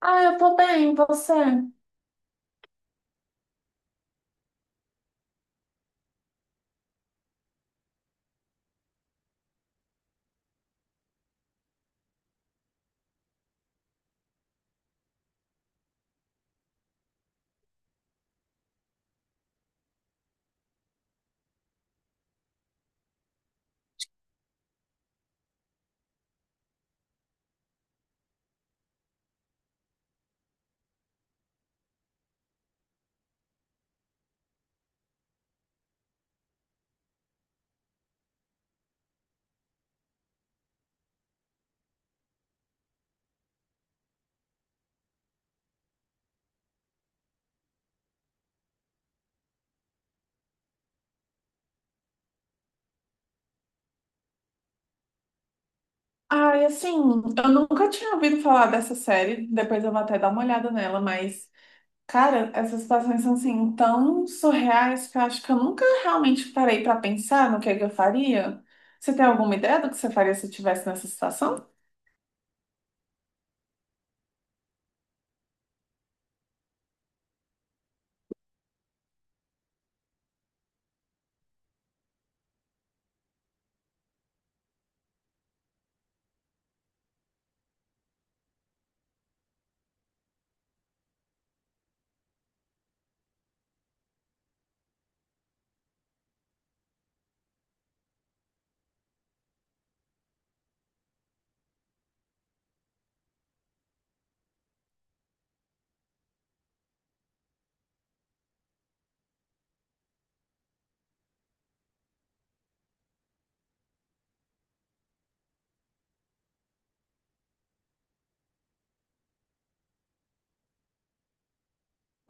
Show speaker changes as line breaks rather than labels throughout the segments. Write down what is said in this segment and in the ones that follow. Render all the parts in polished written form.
Ah, eu tô bem, e você? Ah, e assim, eu nunca tinha ouvido falar dessa série, depois eu vou até dar uma olhada nela, mas, cara, essas situações são, assim, tão surreais que eu acho que eu nunca realmente parei pra pensar no que é que eu faria. Você tem alguma ideia do que você faria se estivesse nessa situação?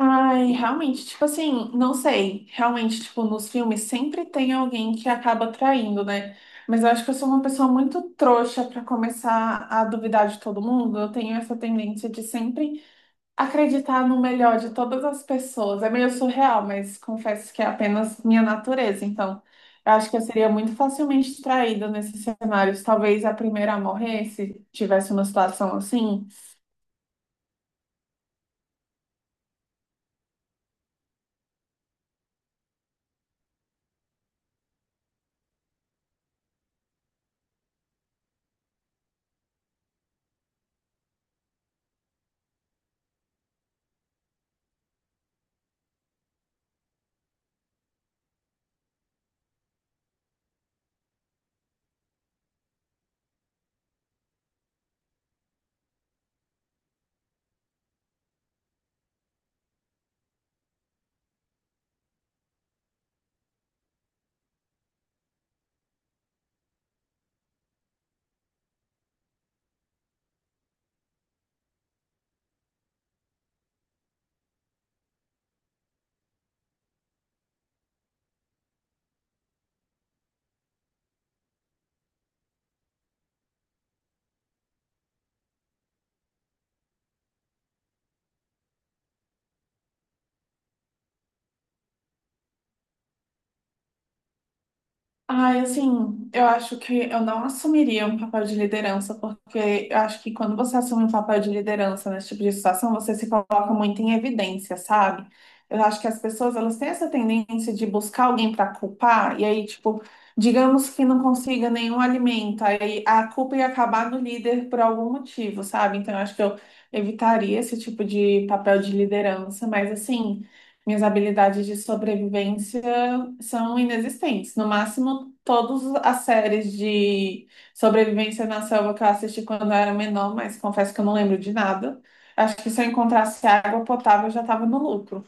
Ai, realmente, tipo assim, não sei. Realmente, tipo, nos filmes sempre tem alguém que acaba traindo, né? Mas eu acho que eu sou uma pessoa muito trouxa pra começar a duvidar de todo mundo. Eu tenho essa tendência de sempre acreditar no melhor de todas as pessoas. É meio surreal, mas confesso que é apenas minha natureza. Então, eu acho que eu seria muito facilmente traída nesses cenários. Talvez a primeira a morrer, se tivesse uma situação assim. Ai, assim, eu acho que eu não assumiria um papel de liderança, porque eu acho que quando você assume um papel de liderança nesse tipo de situação, você se coloca muito em evidência, sabe? Eu acho que as pessoas, elas têm essa tendência de buscar alguém para culpar, e aí, tipo, digamos que não consiga nenhum alimento, aí a culpa ia acabar no líder por algum motivo, sabe? Então, eu acho que eu evitaria esse tipo de papel de liderança, mas assim. Minhas habilidades de sobrevivência são inexistentes. No máximo, todas as séries de sobrevivência na selva que eu assisti quando eu era menor, mas confesso que eu não lembro de nada. Acho que se eu encontrasse água potável, eu já estava no lucro.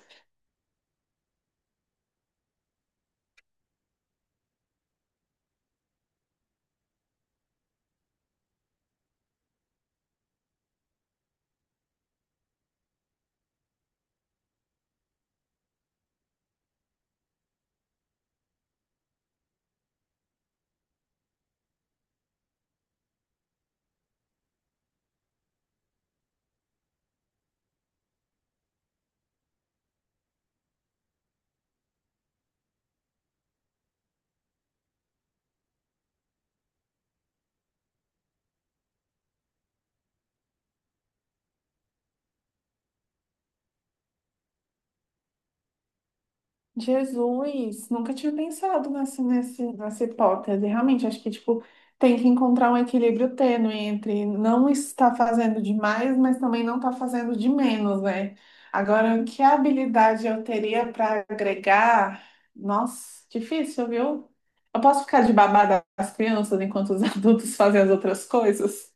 Jesus, nunca tinha pensado nessa hipótese. Realmente, acho que tipo, tem que encontrar um equilíbrio tênue entre não estar fazendo demais, mas também não estar fazendo de menos, né? Agora, que habilidade eu teria para agregar? Nossa, difícil, viu? Eu posso ficar de babá das crianças enquanto os adultos fazem as outras coisas?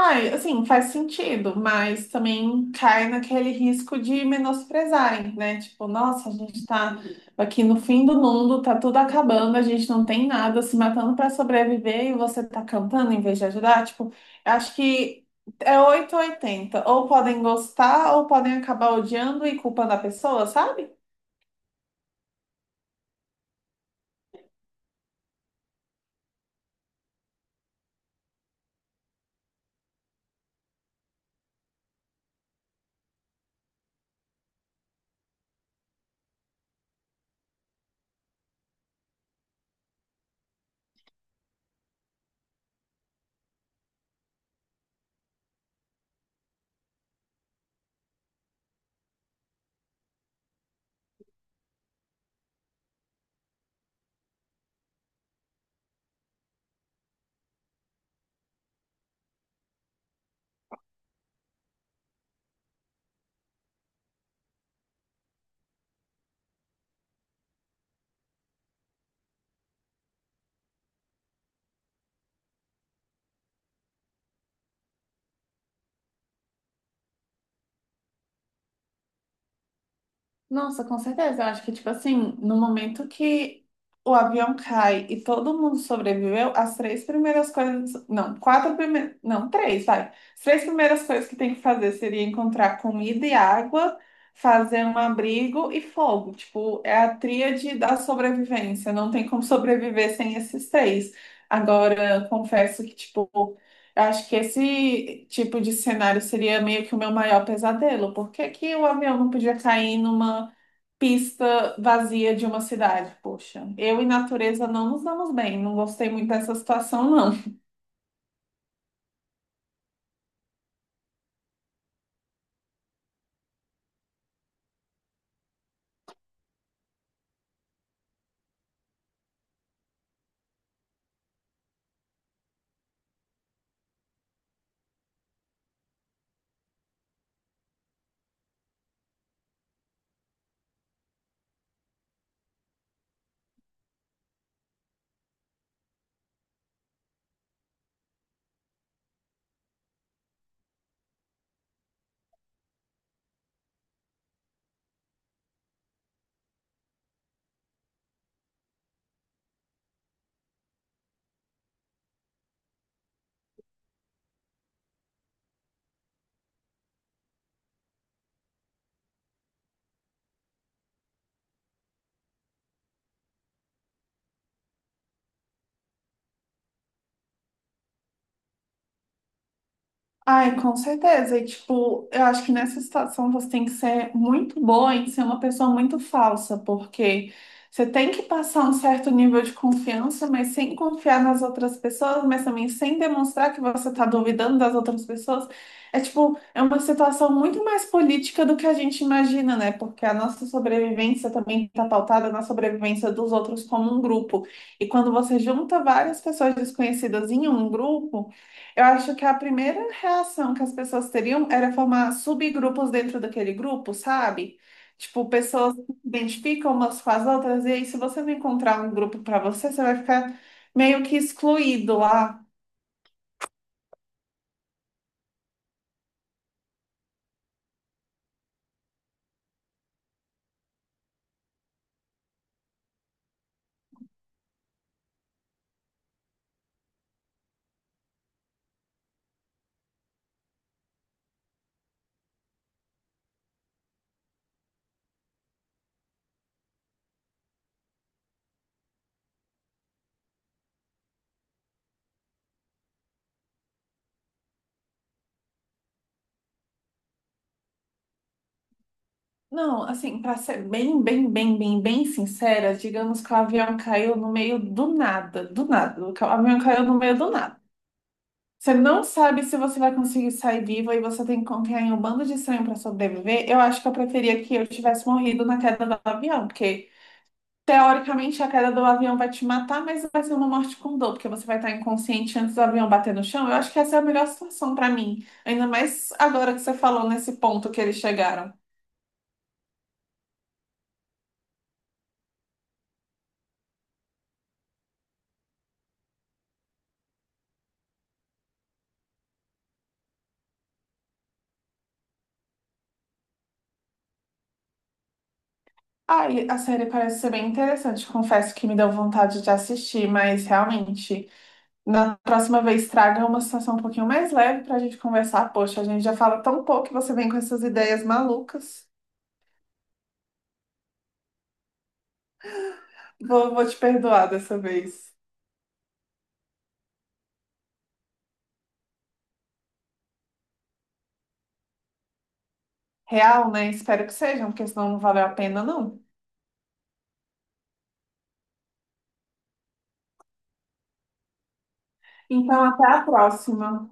Ai, assim, faz sentido, mas também cai naquele risco de menosprezarem, né? Tipo, nossa, a gente tá aqui no fim do mundo, tá tudo acabando, a gente não tem nada, se matando pra sobreviver e você tá cantando em vez de ajudar. Tipo, eu acho que é 8 ou 80. Ou podem gostar, ou podem acabar odiando e culpando a pessoa, sabe? Nossa, com certeza. Eu acho que, tipo assim, no momento que o avião cai e todo mundo sobreviveu, as três primeiras coisas. Não, quatro primeiras. Não, três, vai. As três primeiras coisas que tem que fazer seria encontrar comida e água, fazer um abrigo e fogo. Tipo, é a tríade da sobrevivência. Não tem como sobreviver sem esses três. Agora, confesso que, tipo, eu acho que esse tipo de cenário seria meio que o meu maior pesadelo. Por que que o avião não podia cair numa pista vazia de uma cidade. Poxa, eu e natureza não nos damos bem. Não gostei muito dessa situação, não. Ai, com certeza. E, tipo, eu acho que nessa situação você tem que ser muito boa em ser uma pessoa muito falsa, porque você tem que passar um certo nível de confiança, mas sem confiar nas outras pessoas, mas também sem demonstrar que você está duvidando das outras pessoas. É, tipo, é uma situação muito mais política do que a gente imagina, né? Porque a nossa sobrevivência também está pautada na sobrevivência dos outros como um grupo. E quando você junta várias pessoas desconhecidas em um grupo, eu acho que a primeira reação que as pessoas teriam era formar subgrupos dentro daquele grupo, sabe? Tipo, pessoas que se identificam umas com as outras, e aí, se você não encontrar um grupo para você, você vai ficar meio que excluído lá. Não, assim, para ser bem sincera, digamos que o avião caiu no meio do nada, do nada. O avião caiu no meio do nada. Você não sabe se você vai conseguir sair viva e você tem que confiar em um bando de estranho para sobreviver. Eu acho que eu preferia que eu tivesse morrido na queda do avião, porque teoricamente a queda do avião vai te matar, mas vai ser uma morte com dor, porque você vai estar inconsciente antes do avião bater no chão. Eu acho que essa é a melhor situação para mim, ainda mais agora que você falou nesse ponto que eles chegaram. Ai, a série parece ser bem interessante. Confesso que me deu vontade de assistir, mas realmente. Na próxima vez, traga uma situação um pouquinho mais leve para a gente conversar. Poxa, a gente já fala tão pouco e você vem com essas ideias malucas. Vou te perdoar dessa vez. Real, né? Espero que sejam, porque senão não valeu a pena, não. Então, até a próxima.